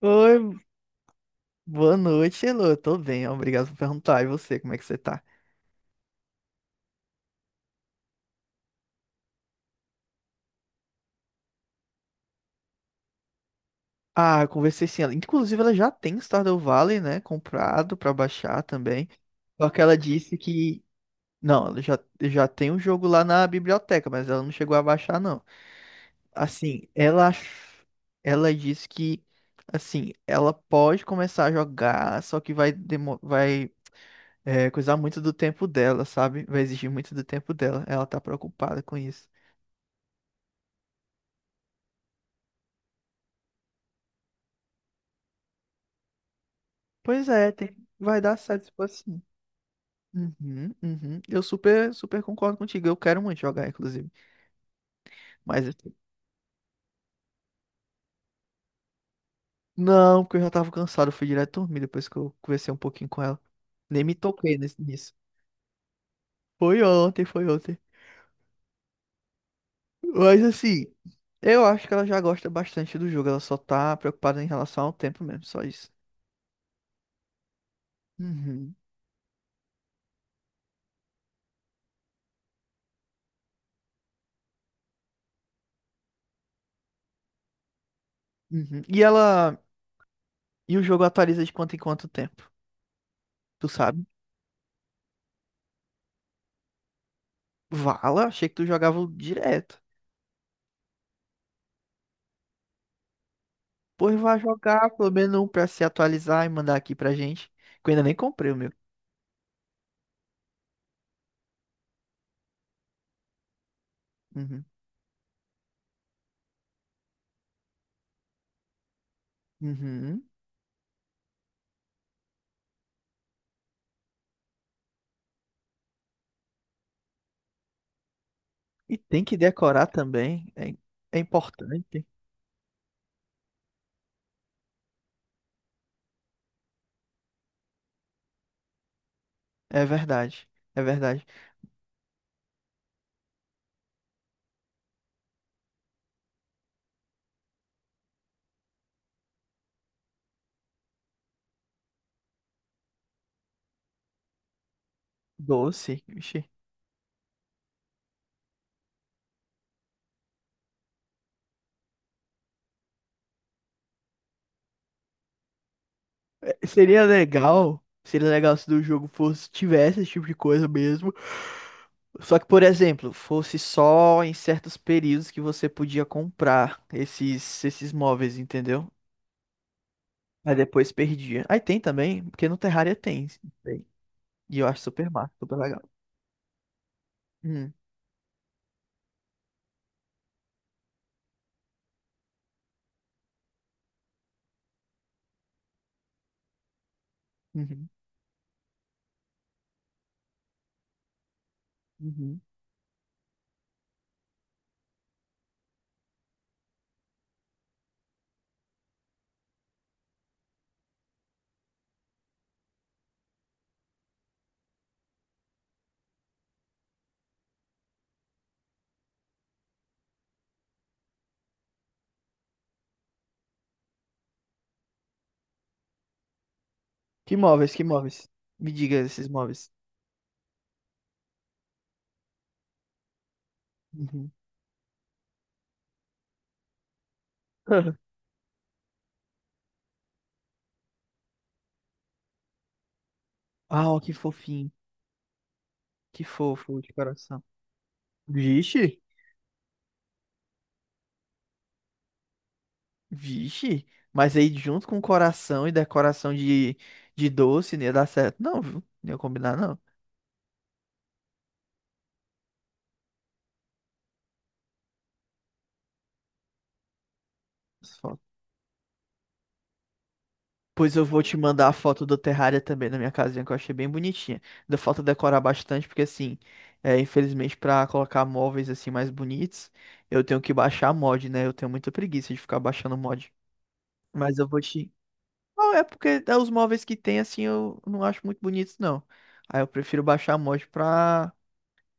Oi, boa noite, Elô. Eu tô bem, obrigado por perguntar. E você, como é que você tá? Ah, eu conversei sim. Inclusive, ela já tem Stardew Valley, né? Comprado pra baixar também. Só que ela disse que. Não, ela já tem o jogo lá na biblioteca, mas ela não chegou a baixar, não. Assim, ela disse que. Assim, ela pode começar a jogar, só que vai coisar muito do tempo dela, sabe? Vai exigir muito do tempo dela. Ela tá preocupada com isso. Pois é, vai dar certo se for assim. Uhum, uhum. Eu super concordo contigo. Eu quero muito jogar, inclusive. Mas assim, não, porque eu já tava cansado. Eu fui direto dormir depois que eu conversei um pouquinho com ela. Nem me toquei nisso. Foi ontem. Mas assim, eu acho que ela já gosta bastante do jogo. Ela só tá preocupada em relação ao tempo mesmo, só isso. Uhum, uhum. E ela. E o jogo atualiza de quanto em quanto tempo? Tu sabe? Vala, achei que tu jogava direto. Pois vai jogar pelo menos um pra se atualizar e mandar aqui pra gente. Que eu ainda nem comprei o meu. Uhum. Uhum. E tem que decorar também. É, é importante. É verdade. É verdade. Doce. Vixe. É, seria legal. Seria legal se do jogo fosse, tivesse esse tipo de coisa mesmo. Só que, por exemplo, fosse só em certos períodos que você podia comprar esses móveis, entendeu? Aí depois perdia. Aí tem também, porque no Terraria tem. Tem. E eu acho super massa, super legal. Uhum, uhum, uhum. Que móveis? Me diga esses móveis. Uhum. Ah, ó, que fofinho. Que fofo de coração. Vixe, vixe. Mas aí junto com coração e decoração de doce, não ia dar certo. Não, viu? Não ia combinar, não. As fotos. Pois eu vou te mandar a foto do terrário também na minha casinha, que eu achei bem bonitinha. Deu falta decorar bastante, porque assim, é, infelizmente pra colocar móveis assim mais bonitos, eu tenho que baixar mod, né? Eu tenho muita preguiça de ficar baixando mod. Mas eu vou te. Não, é porque é os móveis que tem, assim, eu não acho muito bonitos, não. Aí eu prefiro baixar a mod pra,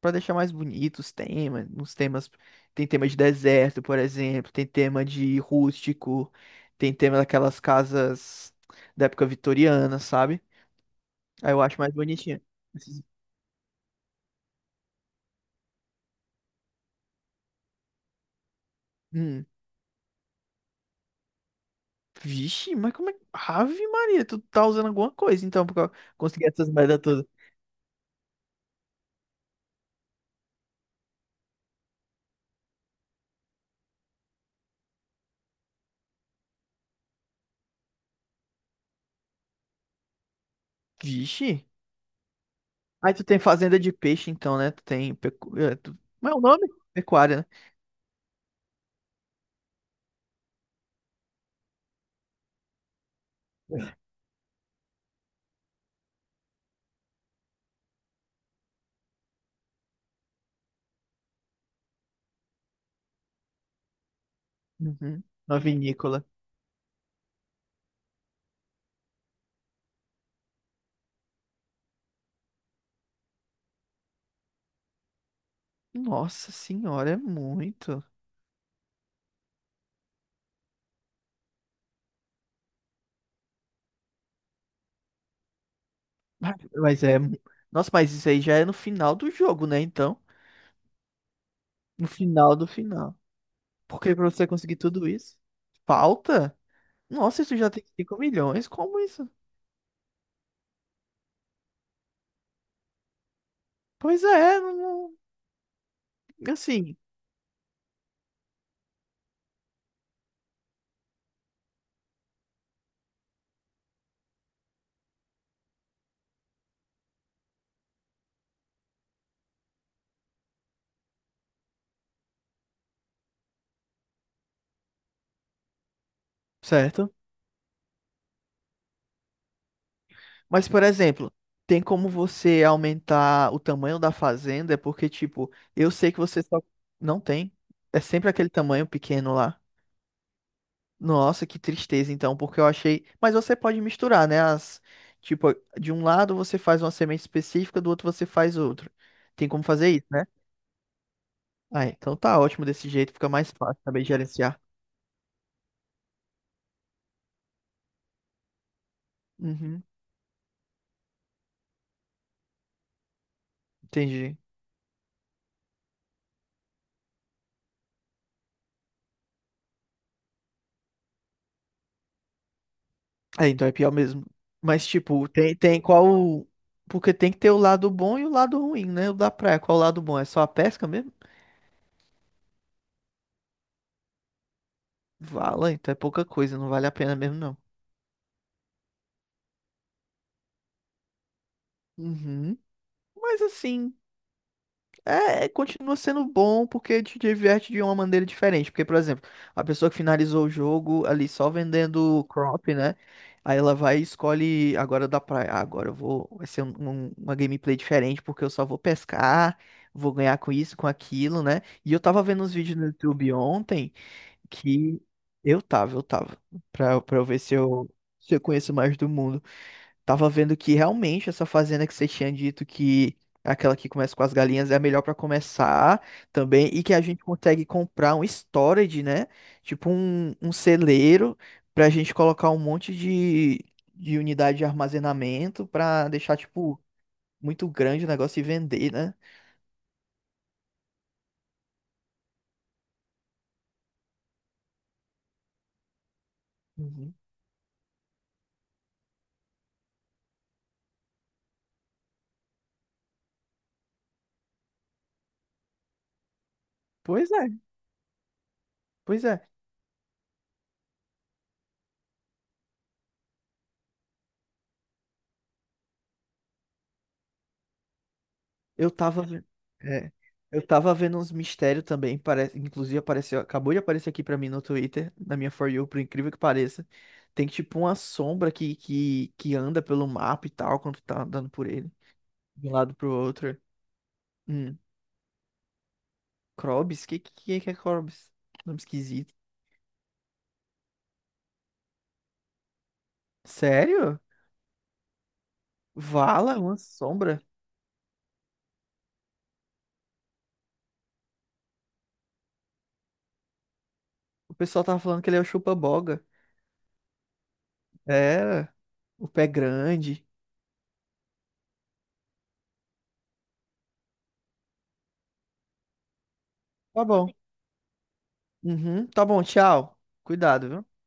pra deixar mais bonitos os temas. Uns temas. Tem tema de deserto, por exemplo. Tem tema de rústico. Tem tema daquelas casas da época vitoriana, sabe? Aí eu acho mais bonitinho. Esses- Hum. Vixe, mas como é. Que. Ave Maria, tu tá usando alguma coisa então pra conseguir essas merda todas. Vixe. Aí tu tem fazenda de peixe, então, né? Tu tem. Pecu... é, como é o nome? Pecuária, né? Uhum. Uma vinícola. Nossa senhora, é muito. Ah, nossa, mas isso aí já é no final do jogo, né? Então. No final do final. Porque pra você conseguir tudo isso, falta? Nossa, isso já tem 5 milhões? Como isso? Pois é, não... não- assim. Certo. Mas, por exemplo, tem como você aumentar o tamanho da fazenda? É porque, tipo, eu sei que você só. Não tem. É sempre aquele tamanho pequeno lá. Nossa, que tristeza, então, porque eu achei. Mas você pode misturar, né? As... Tipo, de um lado você faz uma semente específica, do outro você faz outro. Tem como fazer isso, né? Ah, então tá ótimo desse jeito, fica mais fácil saber gerenciar. Uhum, entendi. É, então é pior mesmo. Mas, tipo, tem qual. Porque tem que ter o lado bom e o lado ruim, né? O da praia, qual o lado bom? É só a pesca mesmo? Vala, então é pouca coisa, não vale a pena mesmo, não. Uhum. Mas assim. Continua sendo bom porque te diverte de uma maneira diferente. Porque, por exemplo, a pessoa que finalizou o jogo ali só vendendo crop, né? Aí ela vai e escolhe agora da praia. Ah, agora eu vou. Vai ser uma gameplay diferente porque eu só vou pescar, vou ganhar com isso, com aquilo, né? E eu tava vendo uns vídeos no YouTube ontem que eu tava, eu tava, pra, pra eu ver se eu, se eu conheço mais do mundo. Tava vendo que realmente essa fazenda que você tinha dito que é aquela que começa com as galinhas é a melhor pra começar também e que a gente consegue comprar um storage, né? Tipo um, um celeiro pra gente colocar um monte de unidade de armazenamento pra deixar tipo muito grande o negócio e vender, né? Uhum. Pois é, pois é. Eu tava, ve- é, eu tava vendo uns mistérios também, parece, inclusive apareceu, acabou de aparecer aqui pra mim no Twitter, na minha For You, por incrível que pareça. Tem tipo uma sombra que anda pelo mapa e tal, quando tu tá andando por ele, de um lado pro outro. Hum, Krobis? Que é Krobis? Nome esquisito. Sério? Vala, uma sombra? O pessoal tava falando que ele é o chupa-boga. Era, o pé grande. Tá bom. Uhum, tá bom, tchau. Cuidado, viu?